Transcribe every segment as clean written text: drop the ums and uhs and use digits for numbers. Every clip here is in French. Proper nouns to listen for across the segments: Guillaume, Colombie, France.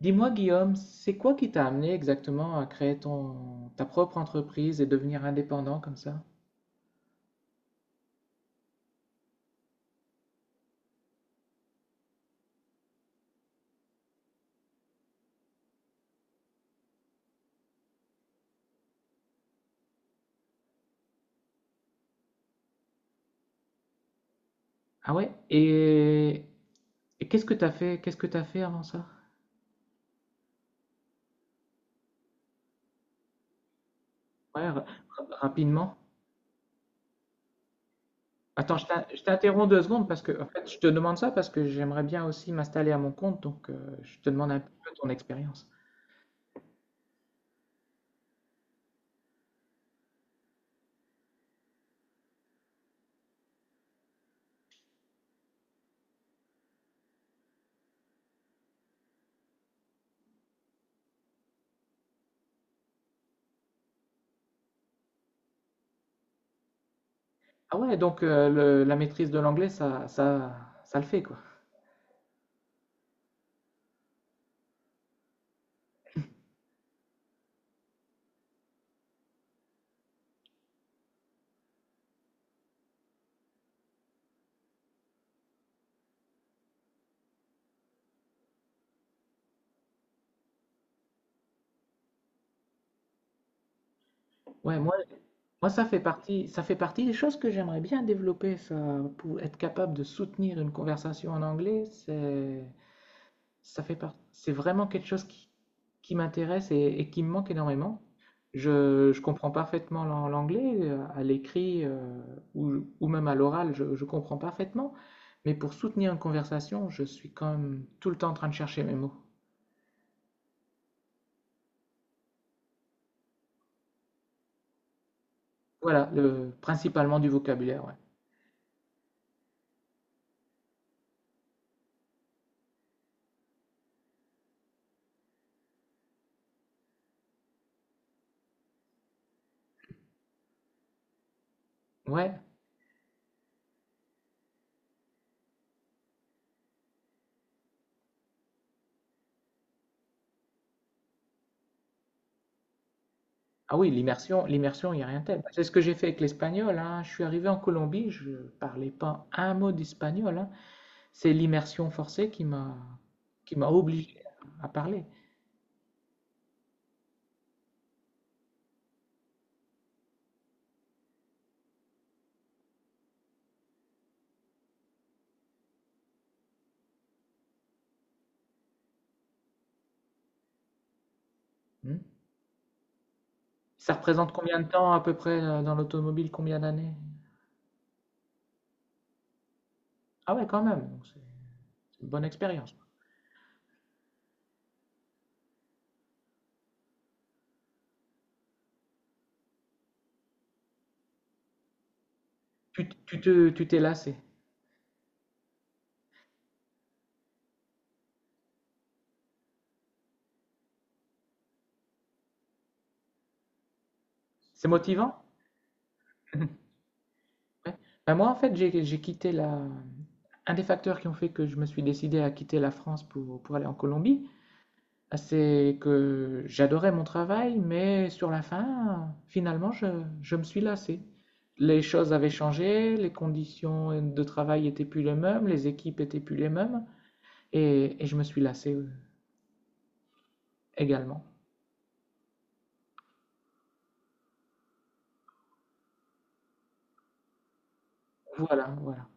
Dis-moi, Guillaume, c'est quoi qui t'a amené exactement à créer ta propre entreprise et devenir indépendant comme ça? Ah ouais? Et qu'est-ce que t'as fait avant ça? Ouais, rapidement. Attends, je t'interromps deux secondes parce que, en fait, je te demande ça parce que j'aimerais bien aussi m'installer à mon compte, donc je te demande un petit peu ton expérience. Ah ouais, donc la maîtrise de l'anglais, ça le fait quoi. Ouais, moi, ça fait partie des choses que j'aimerais bien développer, ça, pour être capable de soutenir une conversation en anglais, c'est vraiment quelque chose qui m'intéresse et qui me manque énormément. Je comprends parfaitement l'anglais, à l'écrit ou même à l'oral, je comprends parfaitement, mais pour soutenir une conversation, je suis quand même tout le temps en train de chercher mes mots. Voilà, principalement du vocabulaire, ouais. Ouais. Ah oui, l'immersion, l'immersion, il n'y a rien de tel. C'est ce que j'ai fait avec l'espagnol, hein. Je suis arrivé en Colombie, je parlais pas un mot d'espagnol, hein. C'est l'immersion forcée qui m'a obligé à parler. Hmm. Ça représente combien de temps à peu près dans l'automobile, combien d'années? Ah ouais, quand même, donc c'est une bonne expérience. Tu t'es lassé. C'est motivant? Ouais. Ben moi, en fait, j'ai quitté la... Un des facteurs qui ont fait que je me suis décidé à quitter la France pour aller en Colombie, ah, c'est que j'adorais mon travail, mais sur la fin, finalement, je me suis lassé. Les choses avaient changé, les conditions de travail étaient plus les mêmes, les équipes étaient plus les mêmes, et je me suis lassé également. Voilà, voilà.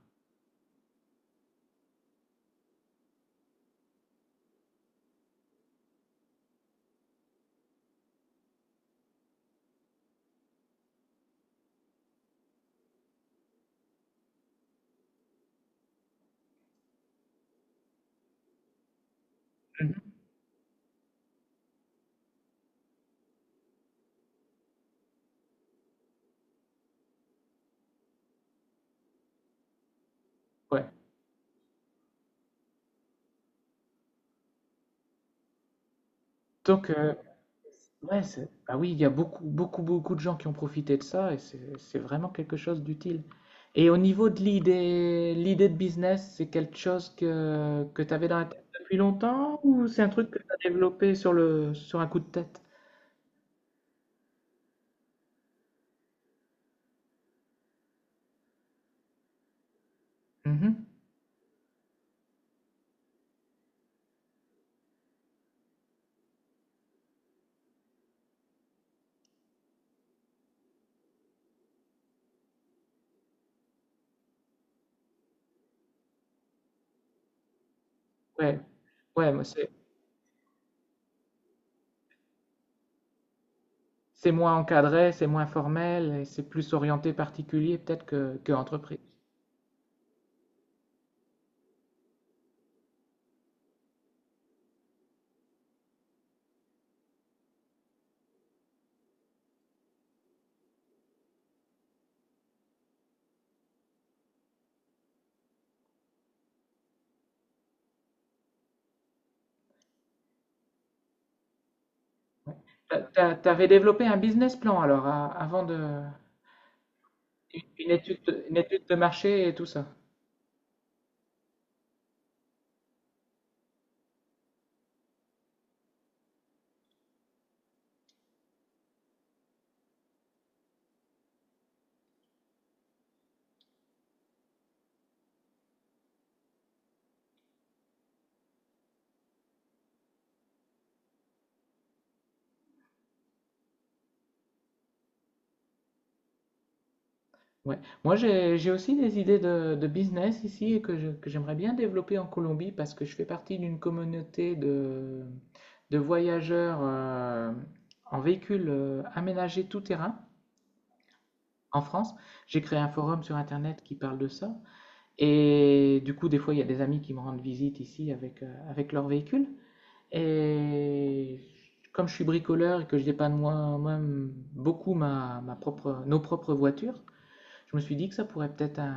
Mhm. Ouais. Donc, ouais, c'est- ah oui, il y a beaucoup, beaucoup, beaucoup de gens qui ont profité de ça et c'est vraiment quelque chose d'utile. Et au niveau de l'idée de business, c'est quelque chose que tu avais dans la tête depuis longtemps ou c'est un truc que tu as développé sur un coup de tête? Mhm. Ouais, ouais, moi, c'est moins encadré, c'est moins formel et c'est plus orienté particulier peut-être que entreprise. T'avais développé un business plan alors avant de une étude de marché et tout ça. Ouais. Moi, j'ai aussi des idées de business ici et que que j'aimerais bien développer en Colombie parce que je fais partie d'une communauté de voyageurs en véhicule aménagé tout terrain en France. J'ai créé un forum sur Internet qui parle de ça. Et du coup, des fois, il y a des amis qui me rendent visite ici avec leur véhicule. Et comme je suis bricoleur et que je dépanne moi-même beaucoup nos propres voitures, je me suis dit que ça pourrait peut-être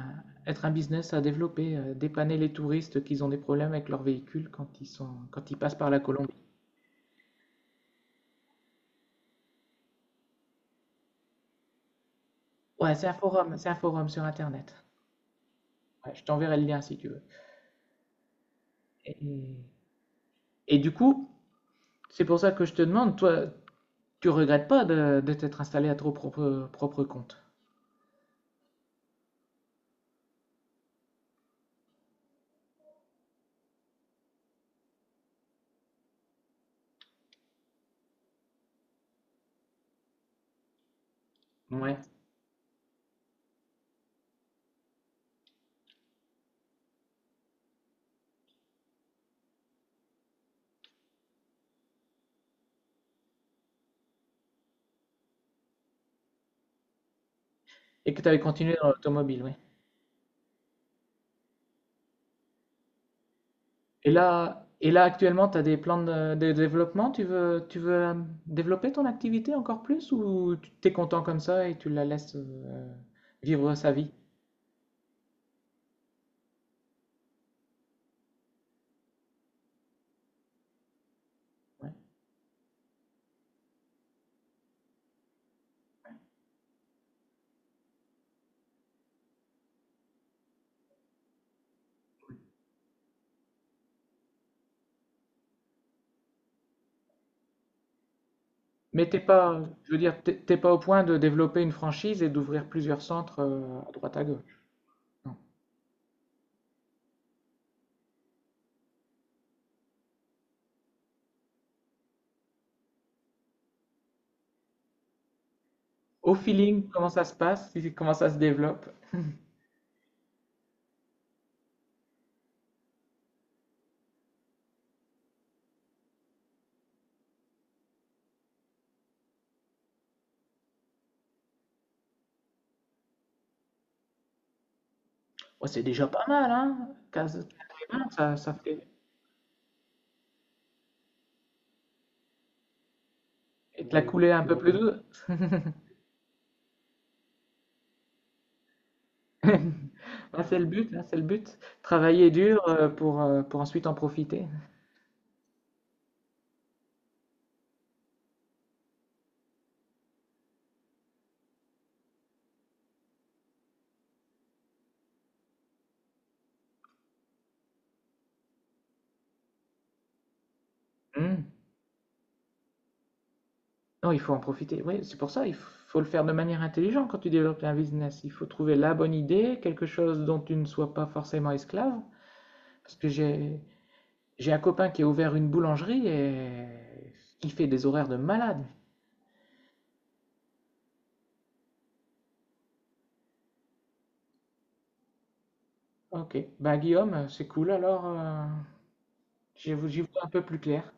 être un business à développer, dépanner les touristes qui ont des problèmes avec leur véhicule quand ils passent par la Colombie. Ouais, c'est un forum sur Internet. Ouais, je t'enverrai le lien si tu veux. Et, et du coup, c'est pour ça que je te demande, toi, tu regrettes pas de t'être installé à ton propre compte? Ouais. Et que tu avais continué dans l'automobile, oui. Et là, actuellement, tu as des plans de développement? Tu veux développer ton activité encore plus ou tu t'es content comme ça et tu la laisses vivre sa vie? Ouais. Mais t'es pas, je veux dire, t'es pas au point de développer une franchise et d'ouvrir plusieurs centres à droite à gauche. Non. Au feeling, comment ça se passe? Comment ça se développe? Ouais, c'est déjà pas mal, hein? 15 15 ça fait... Et te la couler un peu plus douce. Ah, c'est le but, hein, c'est le but. Travailler dur pour ensuite en profiter. Hmm. Non, il faut en profiter. Oui, c'est pour ça, il faut le faire de manière intelligente quand tu développes un business. Il faut trouver la bonne idée, quelque chose dont tu ne sois pas forcément esclave. Parce que j'ai un copain qui a ouvert une boulangerie et il fait des horaires de malade. Ok, bah Guillaume, c'est cool alors. J'y vois un peu plus clair.